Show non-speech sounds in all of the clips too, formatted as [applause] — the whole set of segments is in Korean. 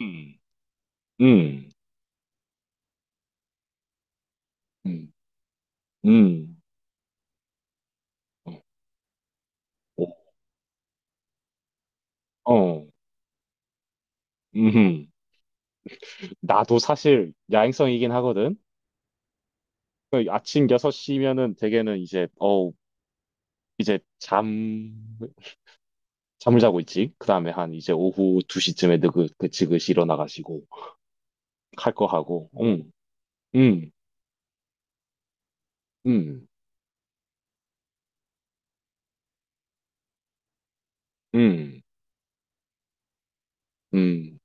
음, 음, 음, 음, 어, 어, 어, 음. 나도 사실 야행성이긴 하거든. 그 아침 6시면은 대개는 이제, 이제 잠을 자고 있지. 그 다음에 한 이제 오후 2시쯤에 느긋느긋 일어나가지고 할 거 하고, 응, 응, 응, 응, 응.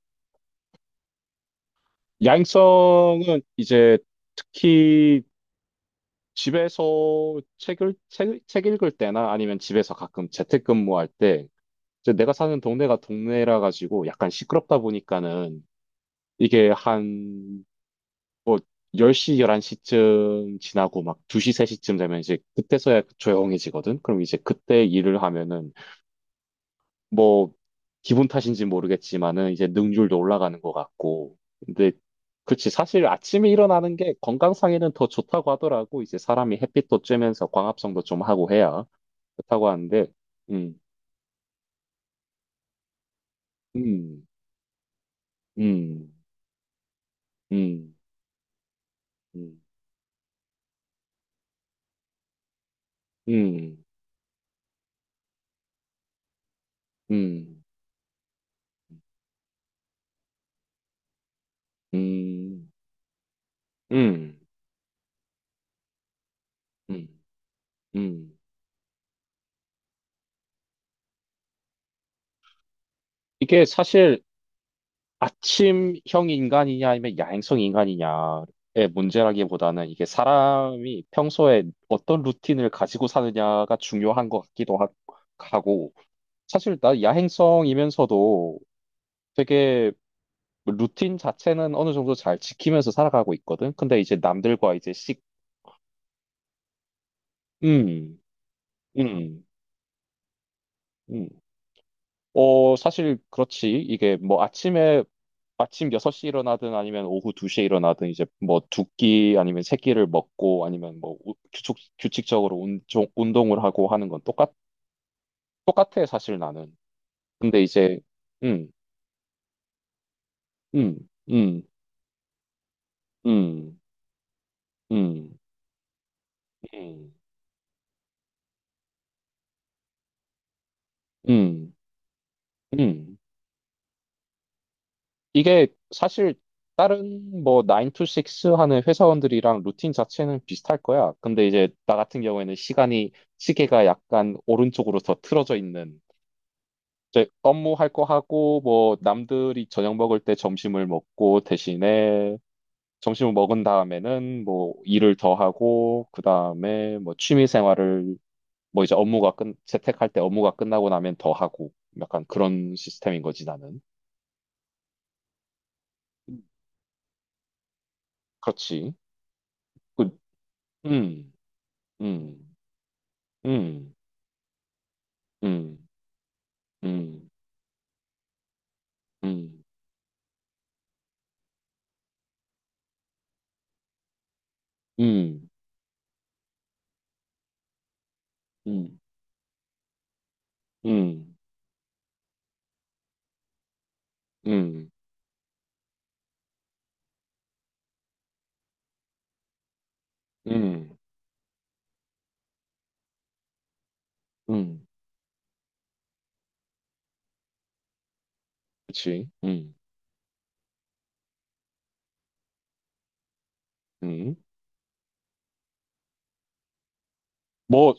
야행성은 이제 특히 집에서 책 읽을 때나 아니면 집에서 가끔 재택근무할 때, 이제 내가 사는 동네가 동네라 가지고 약간 시끄럽다 보니까는, 이게 한 뭐 10시, 11시쯤 지나고 막 2시, 3시쯤 되면 이제 그때서야 조용해지거든? 그럼 이제 그때 일을 하면은 뭐 기분 탓인지 모르겠지만은 이제 능률도 올라가는 것 같고. 근데 그치, 사실 아침에 일어나는 게 건강상에는 더 좋다고 하더라고. 이제 사람이 햇빛도 쬐면서 광합성도 좀 하고 해야 좋다고 하는데, 음, 음, 음, 음, 음. 음, 음, 음, 음, 음, 음. 이게 사실 아침형 인간이냐 아니면 야행성 인간이냐의 문제라기보다는, 이게 사람이 평소에 어떤 루틴을 가지고 사느냐가 중요한 것 같기도 하고. 사실 나 야행성이면서도 되게 루틴 자체는 어느 정도 잘 지키면서 살아가고 있거든. 근데 이제 남들과 이제 씩, 음, 음, 음. 어, 사실 그렇지. 이게 뭐 아침에 아침 6시 일어나든 아니면 오후 2시에 일어나든, 이제 뭐 두끼 아니면 세 끼를 먹고, 아니면 뭐 규칙적으로 운동을 하고 하는 건 똑같아, 사실 나는. 근데 이제, 음, 음, 음, 음, 음, 음, 음, 음. 이게 사실 다른 뭐 9 to 6 하는 회사원들이랑 루틴 자체는 비슷할 거야. 근데 이제 나 같은 경우에는 시간이, 시계가 약간 오른쪽으로 더 틀어져 있는. 이제 업무할 거 하고, 뭐 남들이 저녁 먹을 때 점심을 먹고, 대신에 점심을 먹은 다음에는 뭐 일을 더 하고, 그다음에 뭐 취미 생활을, 뭐 이제 업무가 끝 재택할 때 업무가 끝나고 나면 더 하고, 약간 그런 시스템인 거지 나는. 음. 그렇지. 그, 음, 음, 음, 음, 음, 음, 음, 음, 음, 음, 음, 음. 그렇지. 음. 뭐,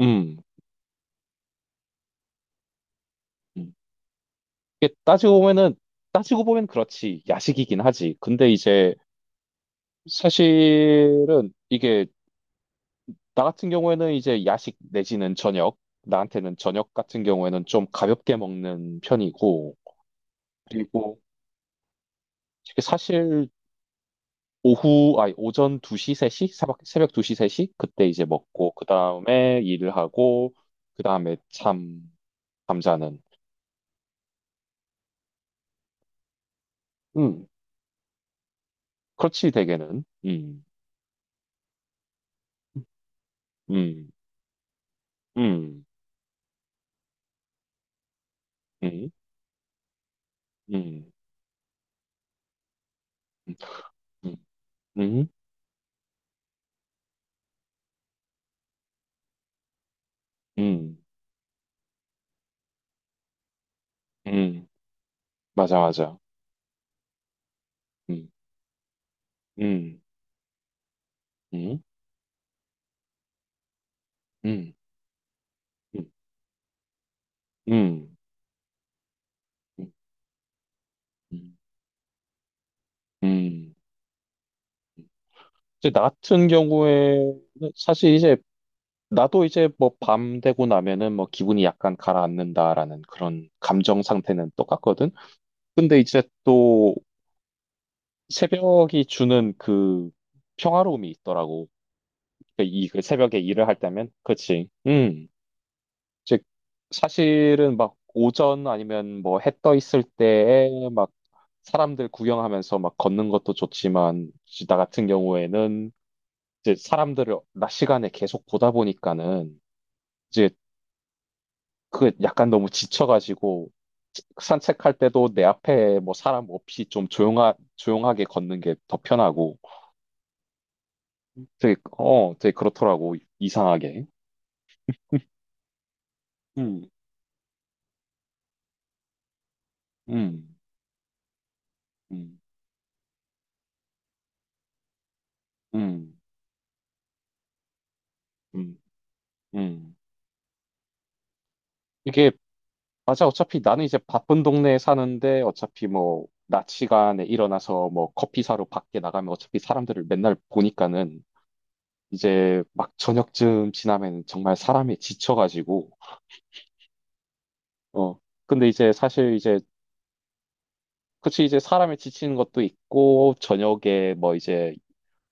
음. 음. 이게 따지고 보면은, 따지고 보면 그렇지, 야식이긴 하지. 근데 이제 사실은 이게, 나 같은 경우에는 이제 야식 내지는 저녁, 나한테는 저녁 같은 경우에는 좀 가볍게 먹는 편이고, 그리고 이게 사실 오후 아니 오전 2시 3시, 새벽 2시 3시 그때 이제 먹고, 그다음에 일을 하고, 그다음에 잠 잠자는. 음. 그렇지, 대개는. 음, 음, 음, 음, 음. 음. 음. 음, 음, 음, 맞아, 맞아. 음, 음, 음, 음, 음, 음, 음, 음. 음. 이제 나 같은 경우에, 사실 이제 나도 이제 뭐 밤 되고 나면은 뭐 기분이 약간 가라앉는다라는 그런 감정 상태는 똑같거든. 근데 이제 또 새벽이 주는 그 평화로움이 있더라고. 그러니까 이그 새벽에 일을 할 때면, 그치? 음. 즉 사실은 막 오전 아니면 뭐 해 떠 있을 때에 막 사람들 구경하면서 막 걷는 것도 좋지만, 이제 나 같은 경우에는 이제 사람들을 낮 시간에 계속 보다 보니까는, 이제 그 약간 너무 지쳐가지고 산책할 때도 내 앞에 뭐 사람 없이 좀 조용하게 걷는 게 더 편하고. 되게, 어, 되게 그렇더라고 이상하게. 음, 음, 음, 음, 음, 음. 이게 맞아. 어차피 나는 이제 바쁜 동네에 사는데 어차피 뭐 낮 시간에 일어나서 뭐 커피 사러 밖에 나가면 어차피 사람들을 맨날 보니까는, 이제 막 저녁쯤 지나면 정말 사람이 지쳐가지고. 어, 근데 이제 사실 이제 그치, 이제 사람이 지치는 것도 있고, 저녁에 뭐 이제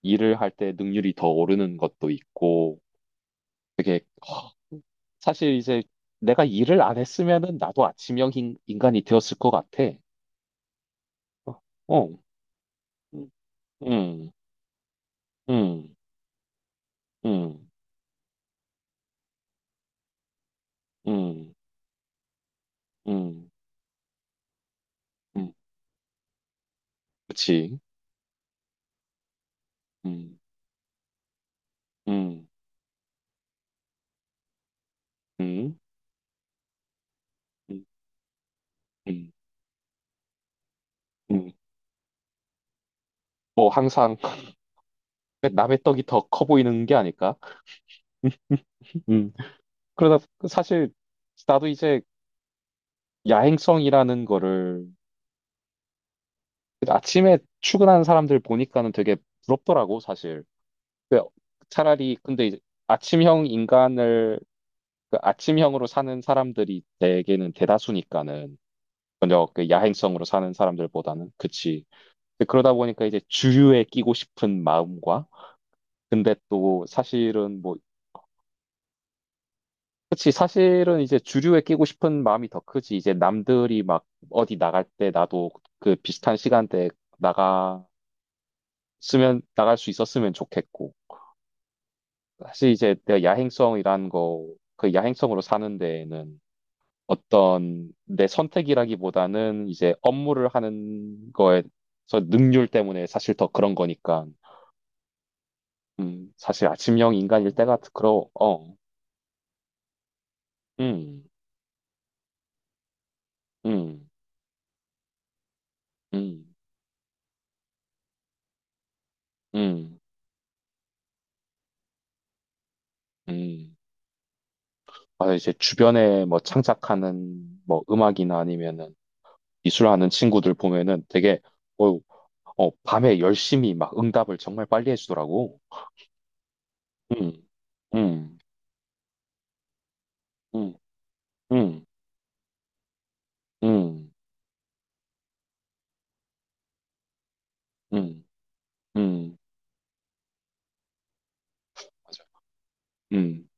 일을 할 때 능률이 더 오르는 것도 있고. 되게, 허, 사실 이제 내가 일을 안 했으면은 나도 아침형 인간이 되었을 것 같아. 어, 어, 음. 음, 음, 음, 음, 음. 그치. 음, 음, 음, 음, 음, 음. 뭐 항상 [laughs] 남의 떡이 더 커 보이는 게 아닐까? [laughs] 음. 그러다 그 사실 나도 이제 야행성이라는 거를, 아침에 출근하는 사람들 보니까는 되게 부럽더라고 사실. 그 차라리 근데 이제 아침형 인간을, 그 아침형으로 사는 사람들이 대개는 대다수니까는 저녁 그 야행성으로 사는 사람들보다는, 그치. 근데 그러다 보니까 이제 주류에 끼고 싶은 마음과, 근데 또 사실은 뭐 그치, 사실은 이제 주류에 끼고 싶은 마음이 더 크지. 이제 남들이 막 어디 나갈 때 나도 그 비슷한 시간대에 나갔으면 나갈 수 있었으면 좋겠고. 사실 이제 내가 야행성이라는 거, 그 야행성으로 사는 데에는 어떤 내 선택이라기보다는 이제 업무를 하는 거에서 능률 때문에 사실 더 그런 거니까. 사실 아침형 인간일 때가 그러, 어. 음, 음, 음, 음, 음. 아, 이제 주변에 뭐 창작하는 뭐 음악이나 아니면은 미술하는 친구들 보면은 되게, 어, 어, 밤에 열심히 막 응답을 정말 빨리 해주더라고. 음, 음, 음, 음, 음, 음, 음, 맞아. 음,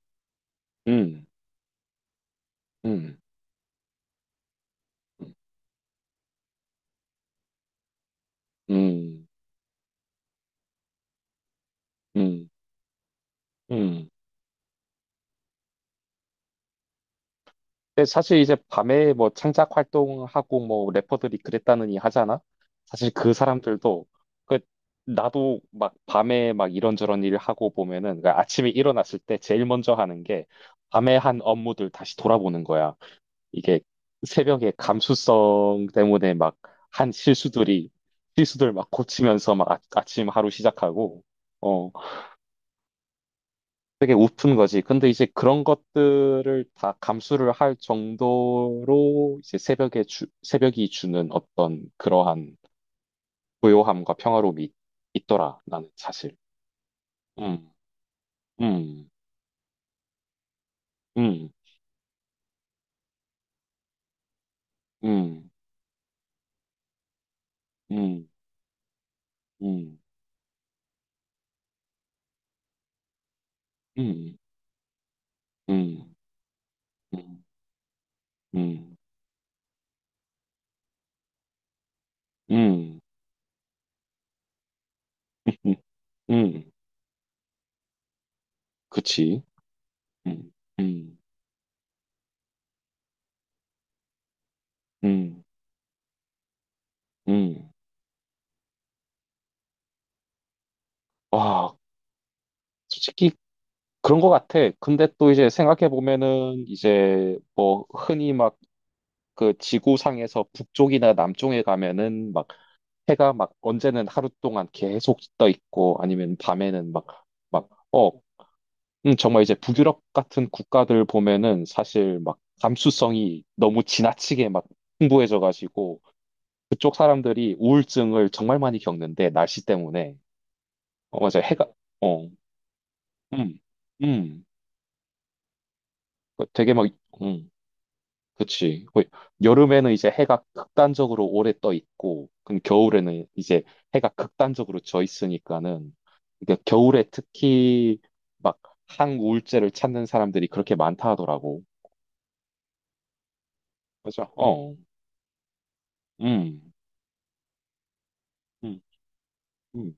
음, 음, 음, 음, 음, 음. 근데 사실 이제 밤에 뭐 창작 활동하고 뭐 래퍼들이 그랬다느니 하잖아. 사실 그 사람들도 그, 나도 막 밤에 막 이런저런 일을 하고 보면은 그 아침에 일어났을 때 제일 먼저 하는 게 밤에 한 업무들 다시 돌아보는 거야. 이게 새벽에 감수성 때문에 막 한 실수들 막 고치면서 막, 아, 아침 하루 시작하고. 어, 되게 우픈 거지. 근데 이제 그런 것들을 다 감수를 할 정도로 이제 새벽이 주는 어떤 그러한 고요함과 평화로움이 있더라, 나는 사실. 음, 음, 음, 음, 음, 음, 음, 음, 음, 음, 음. [laughs] 음, 그치. 음, 음, 음, 음. 와, 솔직히 그런 것 같아. 근데 또 이제 생각해 보면은 이제 뭐 흔히 막 그 지구상에서 북쪽이나 남쪽에 가면은 막 해가 막 언제는 하루 동안 계속 떠 있고 아니면 밤에는 막, 막, 어, 정말 이제 북유럽 같은 국가들 보면은 사실 막 감수성이 너무 지나치게 막 풍부해져 가지고 그쪽 사람들이 우울증을 정말 많이 겪는데, 날씨 때문에. 어 맞아, 해가, 어, 음, 음. 그 되게 막, 음. 그치. 거의 여름에는 이제 해가 극단적으로 오래 떠 있고, 그럼 겨울에는 이제 해가 극단적으로 져 있으니까는, 그러니까 겨울에 특히 막 항우울제를 찾는 사람들이 그렇게 많다 하더라고. 맞아. 어. 음. 음. 음.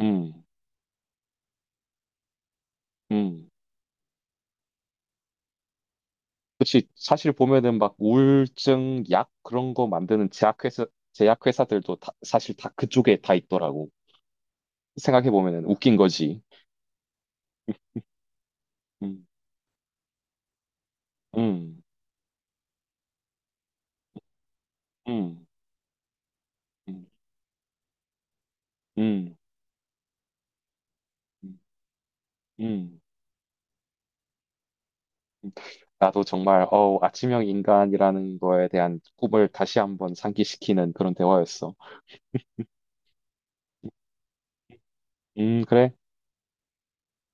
음. 음. 그치. 사실 보면은 막 우울증 약 그런 거 만드는 제약회사들도 다, 사실 다 그쪽에 다 있더라고. 생각해 보면은 웃긴 거지. 음. 음. 음. 음. 음. 음, 음. 나도 정말, 어, 아침형 인간이라는 거에 대한 꿈을 다시 한번 상기시키는 그런 대화였어. 그래.